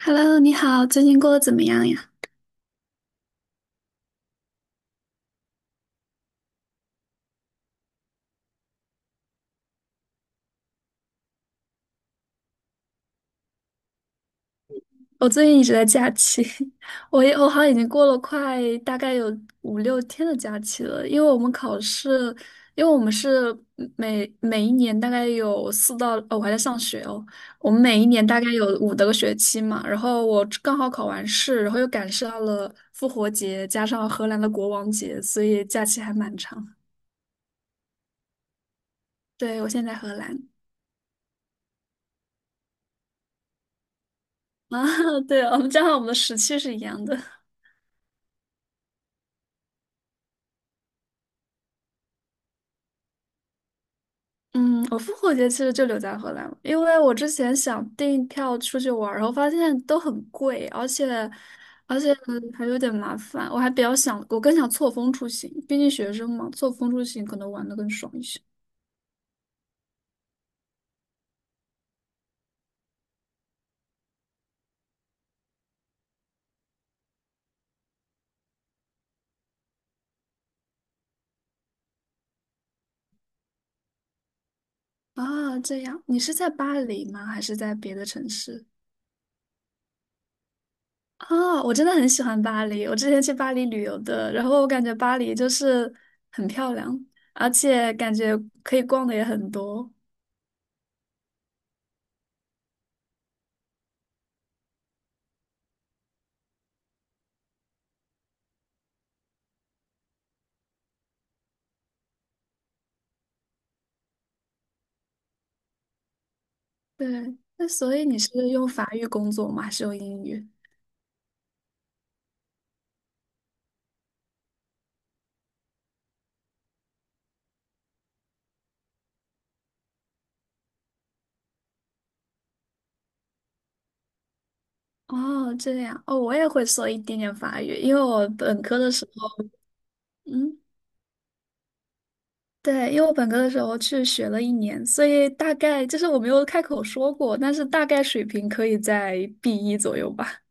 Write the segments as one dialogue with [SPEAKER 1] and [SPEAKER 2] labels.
[SPEAKER 1] Hello，你好，最近过得怎么样呀？我最近一直在假期，我好像已经过了快大概有5、6天的假期了，因为我们考试，因为我们是每一年大概有哦，我还在上学哦，我们每一年大概有五的个学期嘛，然后我刚好考完试，然后又赶上了复活节，加上荷兰的国王节，所以假期还蛮长。对，我现在在荷兰 啊，对，我们加上我们的时区是一样的。嗯，我复活节其实就留在荷兰了，因为我之前想订票出去玩儿然后发现都很贵，而且而且还有点麻烦。我还比较想，我更想错峰出行，毕竟学生嘛，错峰出行可能玩的更爽一些。啊，这样，你是在巴黎吗？还是在别的城市？啊，我真的很喜欢巴黎，我之前去巴黎旅游的，然后我感觉巴黎就是很漂亮，而且感觉可以逛的也很多。对，那所以你是用法语工作吗？还是用英语？哦，这样哦，我也会说一点点法语，因为我本科的时候，嗯，对，因为我本科的时候去学了一年，所以大概就是我没有开口说过，但是大概水平可以在 B1 左右吧。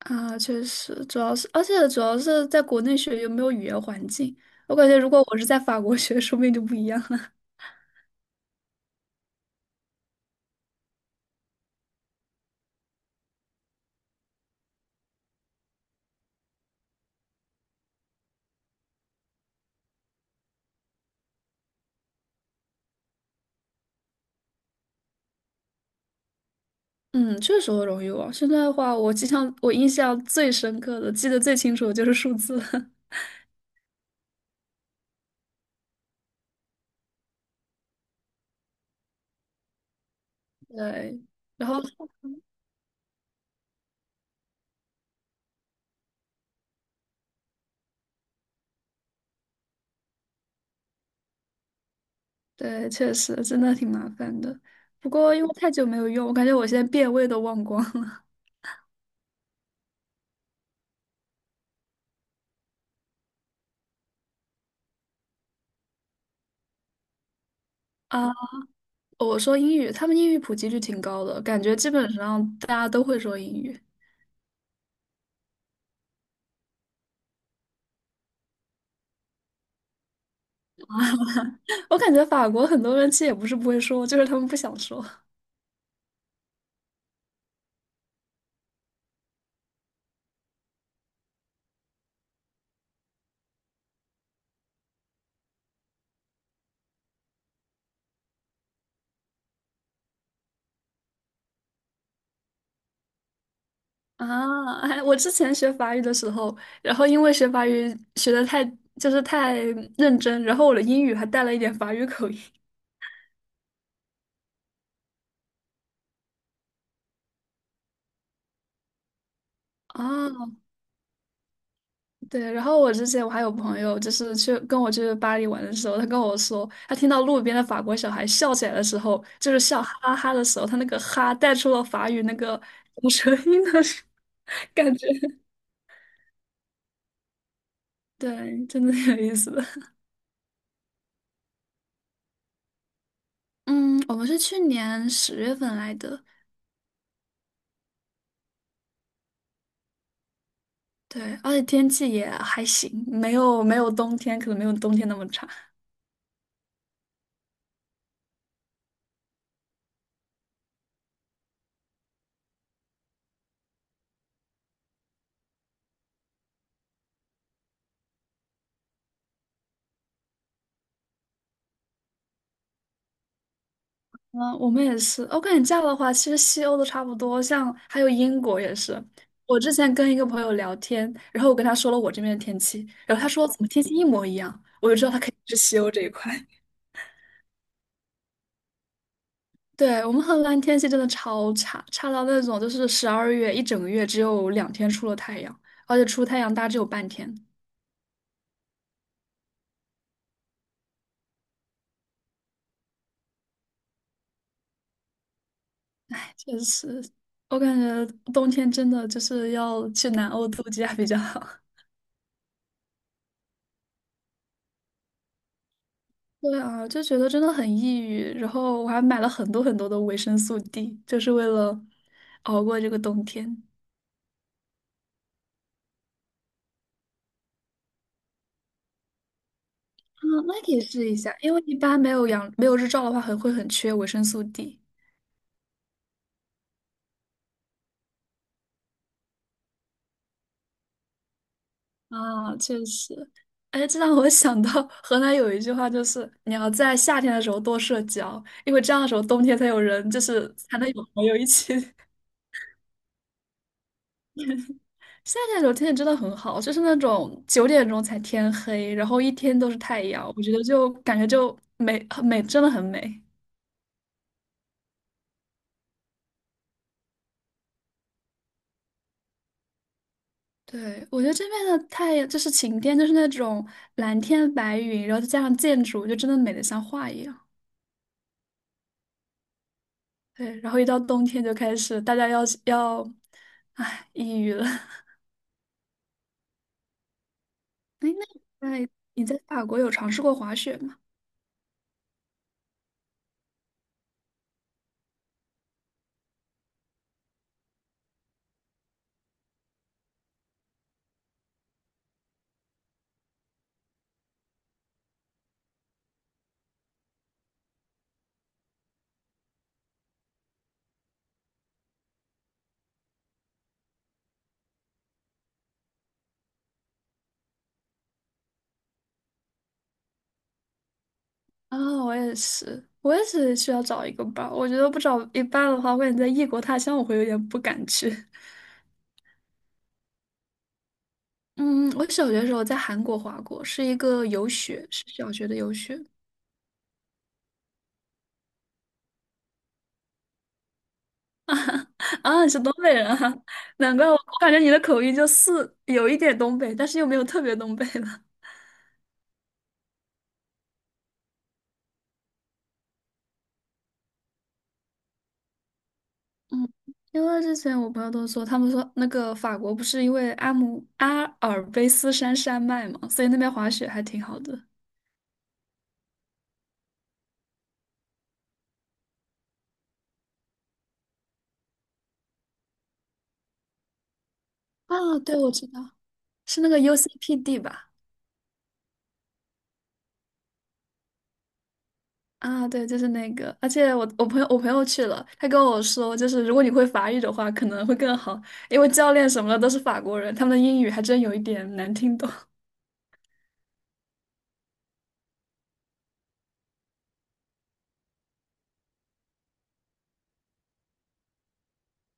[SPEAKER 1] 啊，确实，主要是，而且主要是在国内学有没有语言环境，我感觉如果我是在法国学，说不定就不一样了。嗯，确实会容易忘。现在的话，我经常我印象最深刻的、记得最清楚的就是数字了对，然后对，确实真的挺麻烦的。不过因为太久没有用，我感觉我现在变味都忘光了 啊。我说英语，他们英语普及率挺高的，感觉基本上大家都会说英语。我感觉法国很多人其实也不是不会说，就是他们不想说啊。哎，我之前学法语的时候，然后因为学法语学的太就是太认真，然后我的英语还带了一点法语口音啊。对，然后我之前我还有朋友，就是去跟我去巴黎玩的时候，他跟我说，他听到路边的法国小孩笑起来的时候，就是笑哈哈的时候，他那个哈带出了法语那个吐舌音的声感觉，对，真的挺有意思的。嗯，我们是去年10月份来的，对，而且天气也还行，没有冬天，可能没有冬天那么差。嗯，我们也是。我感觉这样的话，其实西欧都差不多，像还有英国也是。我之前跟一个朋友聊天，然后我跟他说了我这边的天气，然后他说怎么天气一模一样，我就知道他肯定是西欧这一块。对，我们荷兰天气真的超差，差到那种就是12月一整个月只有2天出了太阳，而且出太阳大概只有半天。确实，我感觉冬天真的就是要去南欧度假比较好。对啊，就觉得真的很抑郁。然后我还买了很多很多的维生素 D，就是为了熬过这个冬天。嗯，那可以试一下，因为一般没有日照的话，很会很缺维生素 D。啊，确实。哎，这让我想到河南有一句话，就是你要在夏天的时候多社交，因为这样的时候冬天才有人，就是才能有朋友一起夏天的时候天气真的很好，就是那种9点钟才天黑，然后一天都是太阳，我觉得就感觉就美很美，真的很美。对，我觉得这边的太阳就是晴天，就是那种蓝天白云，然后再加上建筑，就真的美得像画一样。对，然后一到冬天就开始大家要，唉，抑郁了。哎，那你在法国有尝试过滑雪吗？啊、我也是，我也是需要找一个伴儿。我觉得不找一伴的话，我感觉在异国他乡我会有点不敢去。嗯，我小学的时候在韩国滑过，是一个游学，是小学的游学。啊，你是东北人啊，难怪我，我感觉你的口音就是有一点东北，但是又没有特别东北的。嗯，因为之前我朋友都说，他们说那个法国不是因为阿尔卑斯山山脉嘛，所以那边滑雪还挺好的。啊，对，我知道，是那个 UCPD 吧？啊，对，就是那个，而且我朋友去了，他跟我说，就是如果你会法语的话，可能会更好，因为教练什么的都是法国人，他们的英语还真有一点难听懂。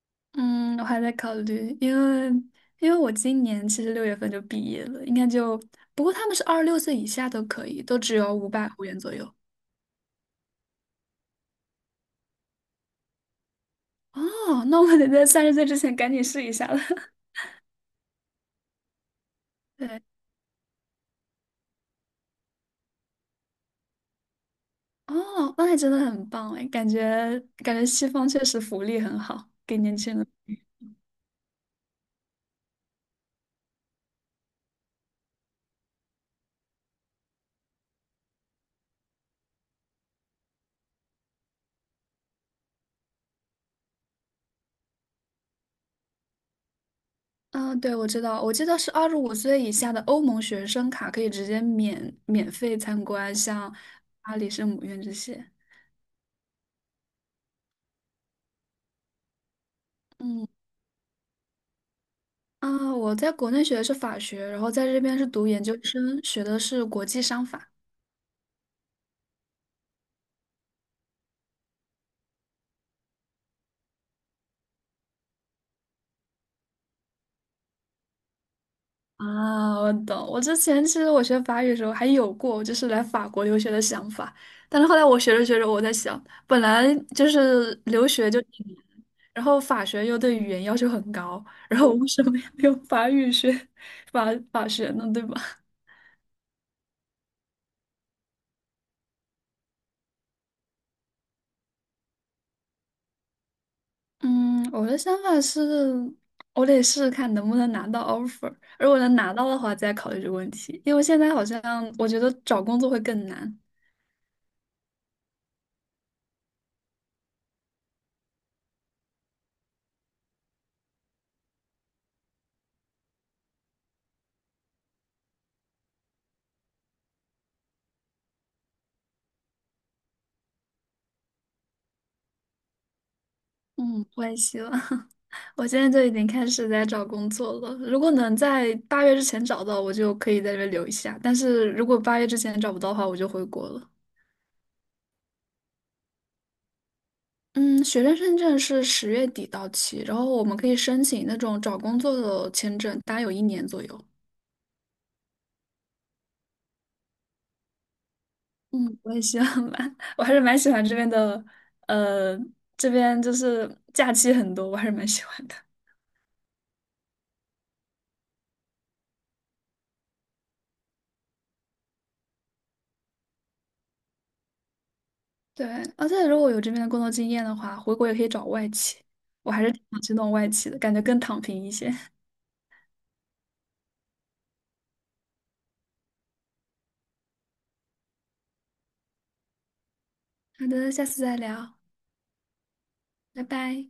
[SPEAKER 1] 嗯，我还在考虑，因为我今年其实6月份就毕业了，应该就，不过他们是26岁以下都可以，都只有500欧元左右。哦，那我得在30岁之前赶紧试一下了。对，哦，那还真的很棒哎，感觉感觉西方确实福利很好，给年轻人。嗯，对，我知道，我记得是25岁以下的欧盟学生卡可以直接免费参观，像巴黎圣母院这些。嗯，啊，我在国内学的是法学，然后在这边是读研究生，学的是国际商法。啊，我懂。我之前其实我学法语的时候还有过，就是来法国留学的想法，但是后来我学着学着，我在想，本来就是留学就挺难，然后法学又对语言要求很高，然后我为什么要用法语学法法学呢？对吧？嗯，我的想法是，我得试试看能不能拿到 offer，如果能拿到的话，再考虑这个问题，因为现在好像我觉得找工作会更难。嗯，我也希望。我现在就已经开始在找工作了。如果能在八月之前找到，我就可以在这边留一下。但是如果八月之前找不到的话，我就回国了。嗯，学生签证是10月底到期，然后我们可以申请那种找工作的签证，大概有一年左右。嗯，我也希望吧。我还是蛮喜欢这边的，呃，这边就是假期很多，我还是蛮喜欢的。对，而且如果有这边的工作经验的话，回国也可以找外企。我还是挺想去弄外企的，感觉更躺平一些。好的，下次再聊，拜拜。